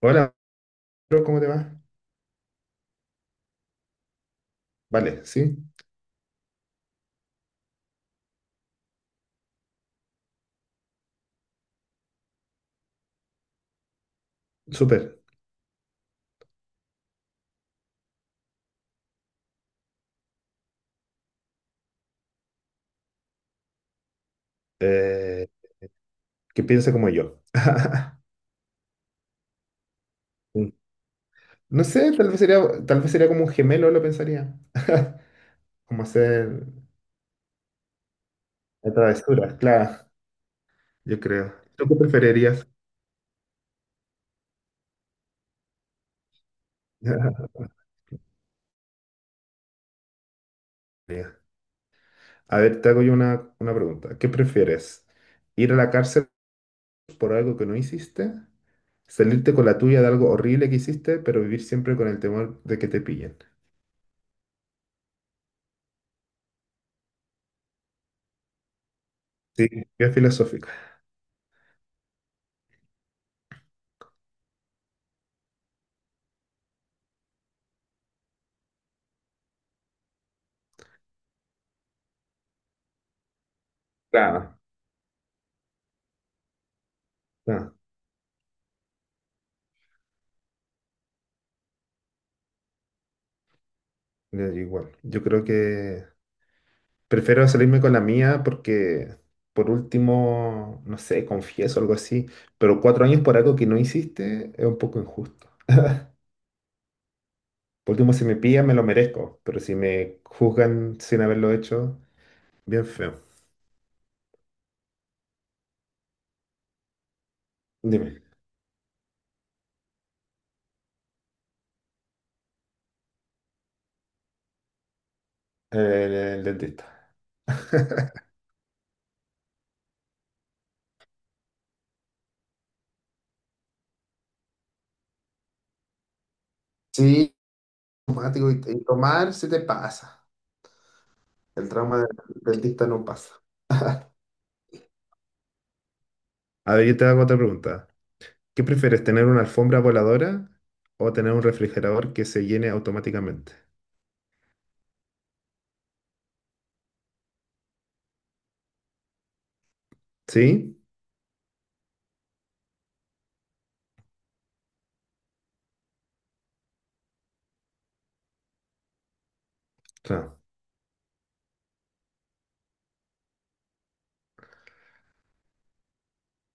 Hola, bro, ¿cómo te va? Vale, sí, súper. Eh, que piense como yo. No sé, tal vez sería como un gemelo, lo pensaría. Como hacer travesuras, claro, yo creo. ¿Tú qué preferirías? Mira, a ver, te hago yo una pregunta. ¿Qué prefieres? ¿Ir a la cárcel por algo que no hiciste? ¿Salirte con la tuya de algo horrible que hiciste, pero vivir siempre con el temor de que te pillen? Sí, bien filosófica. Claro. Claro. Ya, yo igual. Yo creo que prefiero salirme con la mía porque, por último, no sé, confieso algo así, pero cuatro años por algo que no hiciste es un poco injusto. Por último, si me pillan, me lo merezco, pero si me juzgan sin haberlo hecho, bien feo. Dime, el, el dentista. Sí, automático y tomar se te pasa. El trauma del dentista no pasa. A ver, yo te hago otra pregunta. ¿Qué prefieres, tener una alfombra voladora o tener un refrigerador que se llene automáticamente? ¿Sí? Claro.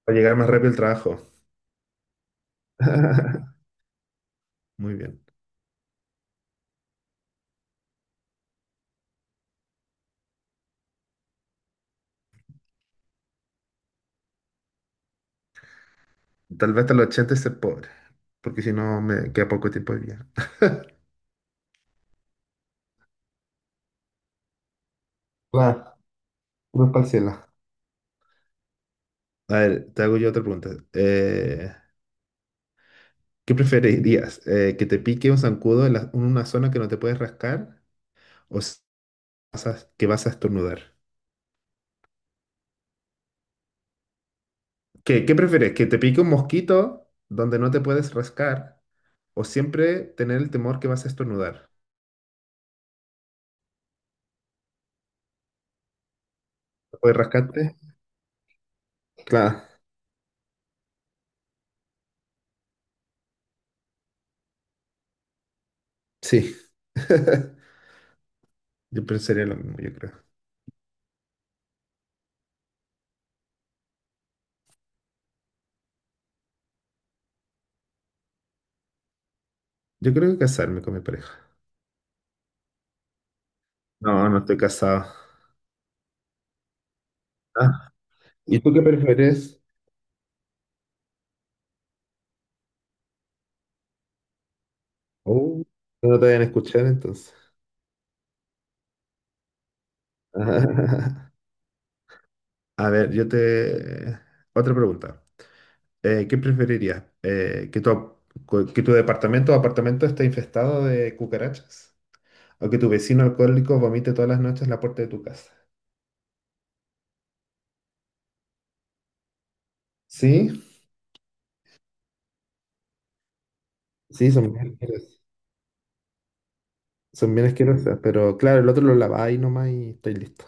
Para llegar más rápido al trabajo. Muy bien. Tal vez hasta los 80 ser pobre, porque si no me queda poco tiempo de vida. Claro, cruz para el cielo. A ver, te hago yo otra pregunta. ¿Qué preferirías? ¿Que te pique un zancudo en una zona que no te puedes rascar o que vas a estornudar? ¿Qué prefieres? ¿Que te pique un mosquito donde no te puedes rascar o siempre tener el temor que vas a estornudar? ¿No? ¿Puedes rascarte? Claro, sí. Yo pensaría lo mismo, yo creo. Yo creo que casarme con mi pareja. No, no estoy casado. Ah, ¿y tú qué prefieres? Oh, no te vayan a escuchar entonces. A ver, Otra pregunta. ¿Qué preferirías? ¿Que que tu departamento o apartamento esté infestado de cucarachas? O que tu vecino alcohólico vomite todas las noches en la puerta de tu casa. Sí, sí, son bien asquerosas. Son bien asquerosas, pero claro, el otro lo laváis nomás y estoy listo.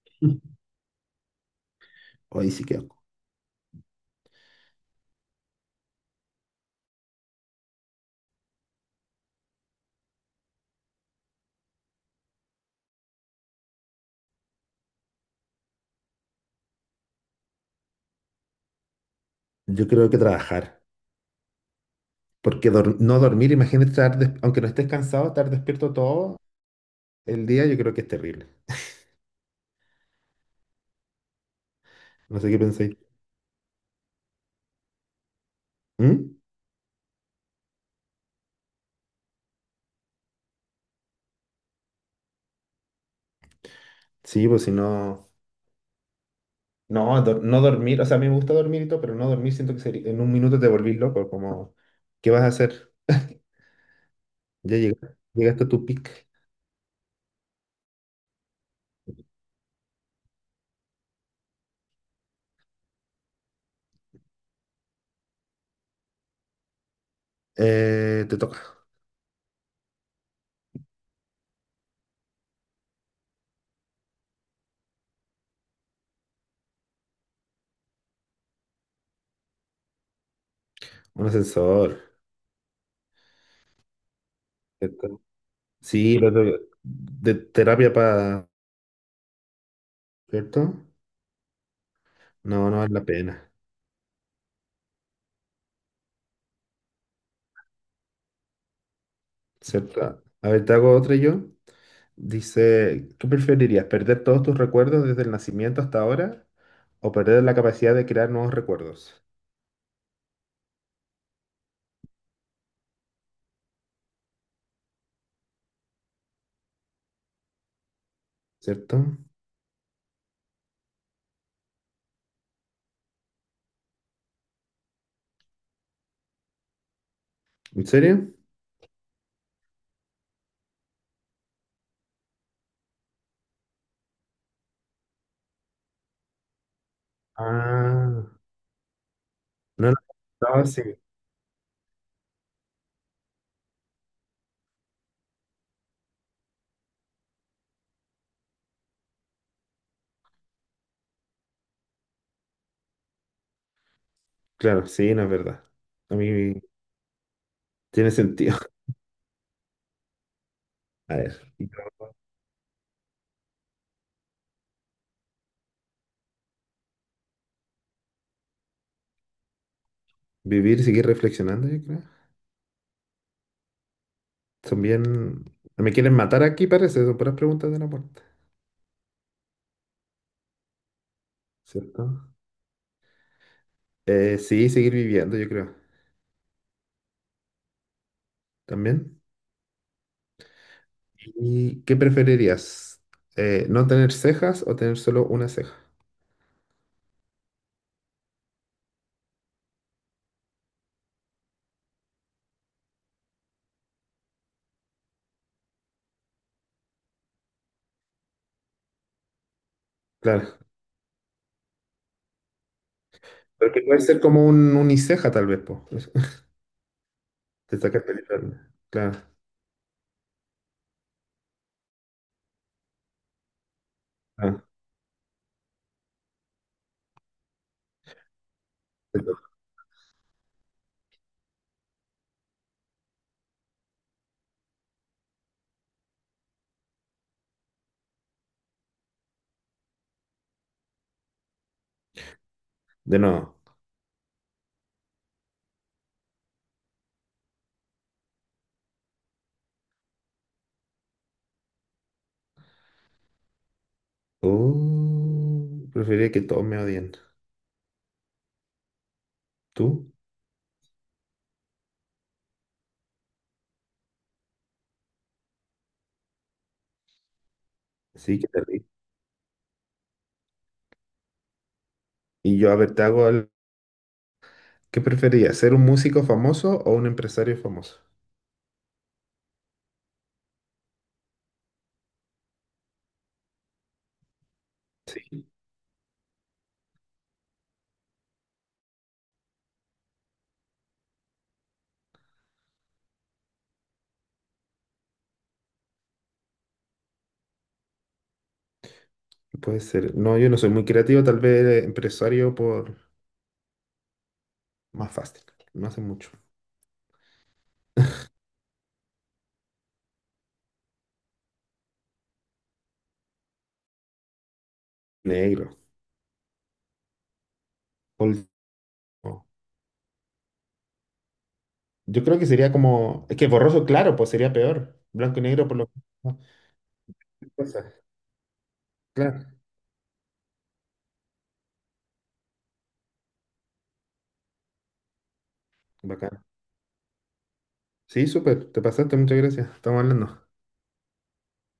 Hoy sí que Yo creo que trabajar. Porque no dormir, imagínate estar, aunque no estés cansado, estar despierto todo el día, yo creo que es terrible. No sé qué pensáis. ¿Mm? Sí, pues si no. No, no dormir. O sea, a mí me gusta dormir y todo, pero no dormir siento que en un minuto te volvís loco. Como, ¿qué vas a hacer? Ya llegaste, llegaste a tu pic. Te toca. Un ascensor. ¿Cierto? Sí, lo de terapia. ¿Cierto? No, no vale la pena. ¿Cierto? A ver, te hago otra yo. Dice, ¿qué preferirías? ¿Perder todos tus recuerdos desde el nacimiento hasta ahora? ¿O perder la capacidad de crear nuevos recuerdos? ¿Cierto? ¿En serio? Ah, no, no, no, sí. Claro, sí, no es verdad. A mí tiene sentido. A ver, vivir y seguir reflexionando, yo creo. Me quieren matar aquí, parece. Son puras preguntas de la puerta. ¿Cierto? Sí, seguir viviendo, yo creo. También. ¿Y qué preferirías? ¿No tener cejas o tener solo una ceja? Claro. Porque puede ser como un uniceja, tal vez, po. Eso, te sacas película. Claro. Ah, te toca, de nuevo. Preferiría que todos me odien. ¿Tú? Sí, que te ríes. Y yo, a ver. ¿Qué preferirías? ¿Ser un músico famoso o un empresario famoso? Sí. Puede ser. No, yo no soy muy creativo, tal vez empresario por más fácil. No hace mucho. Negro. Ol- no. Yo creo que sería como. Es que borroso, claro, pues sería peor. Blanco y negro por lo menos. Cosas. Claro. Bacán. Sí, súper. Te pasaste, muchas gracias. Estamos hablando.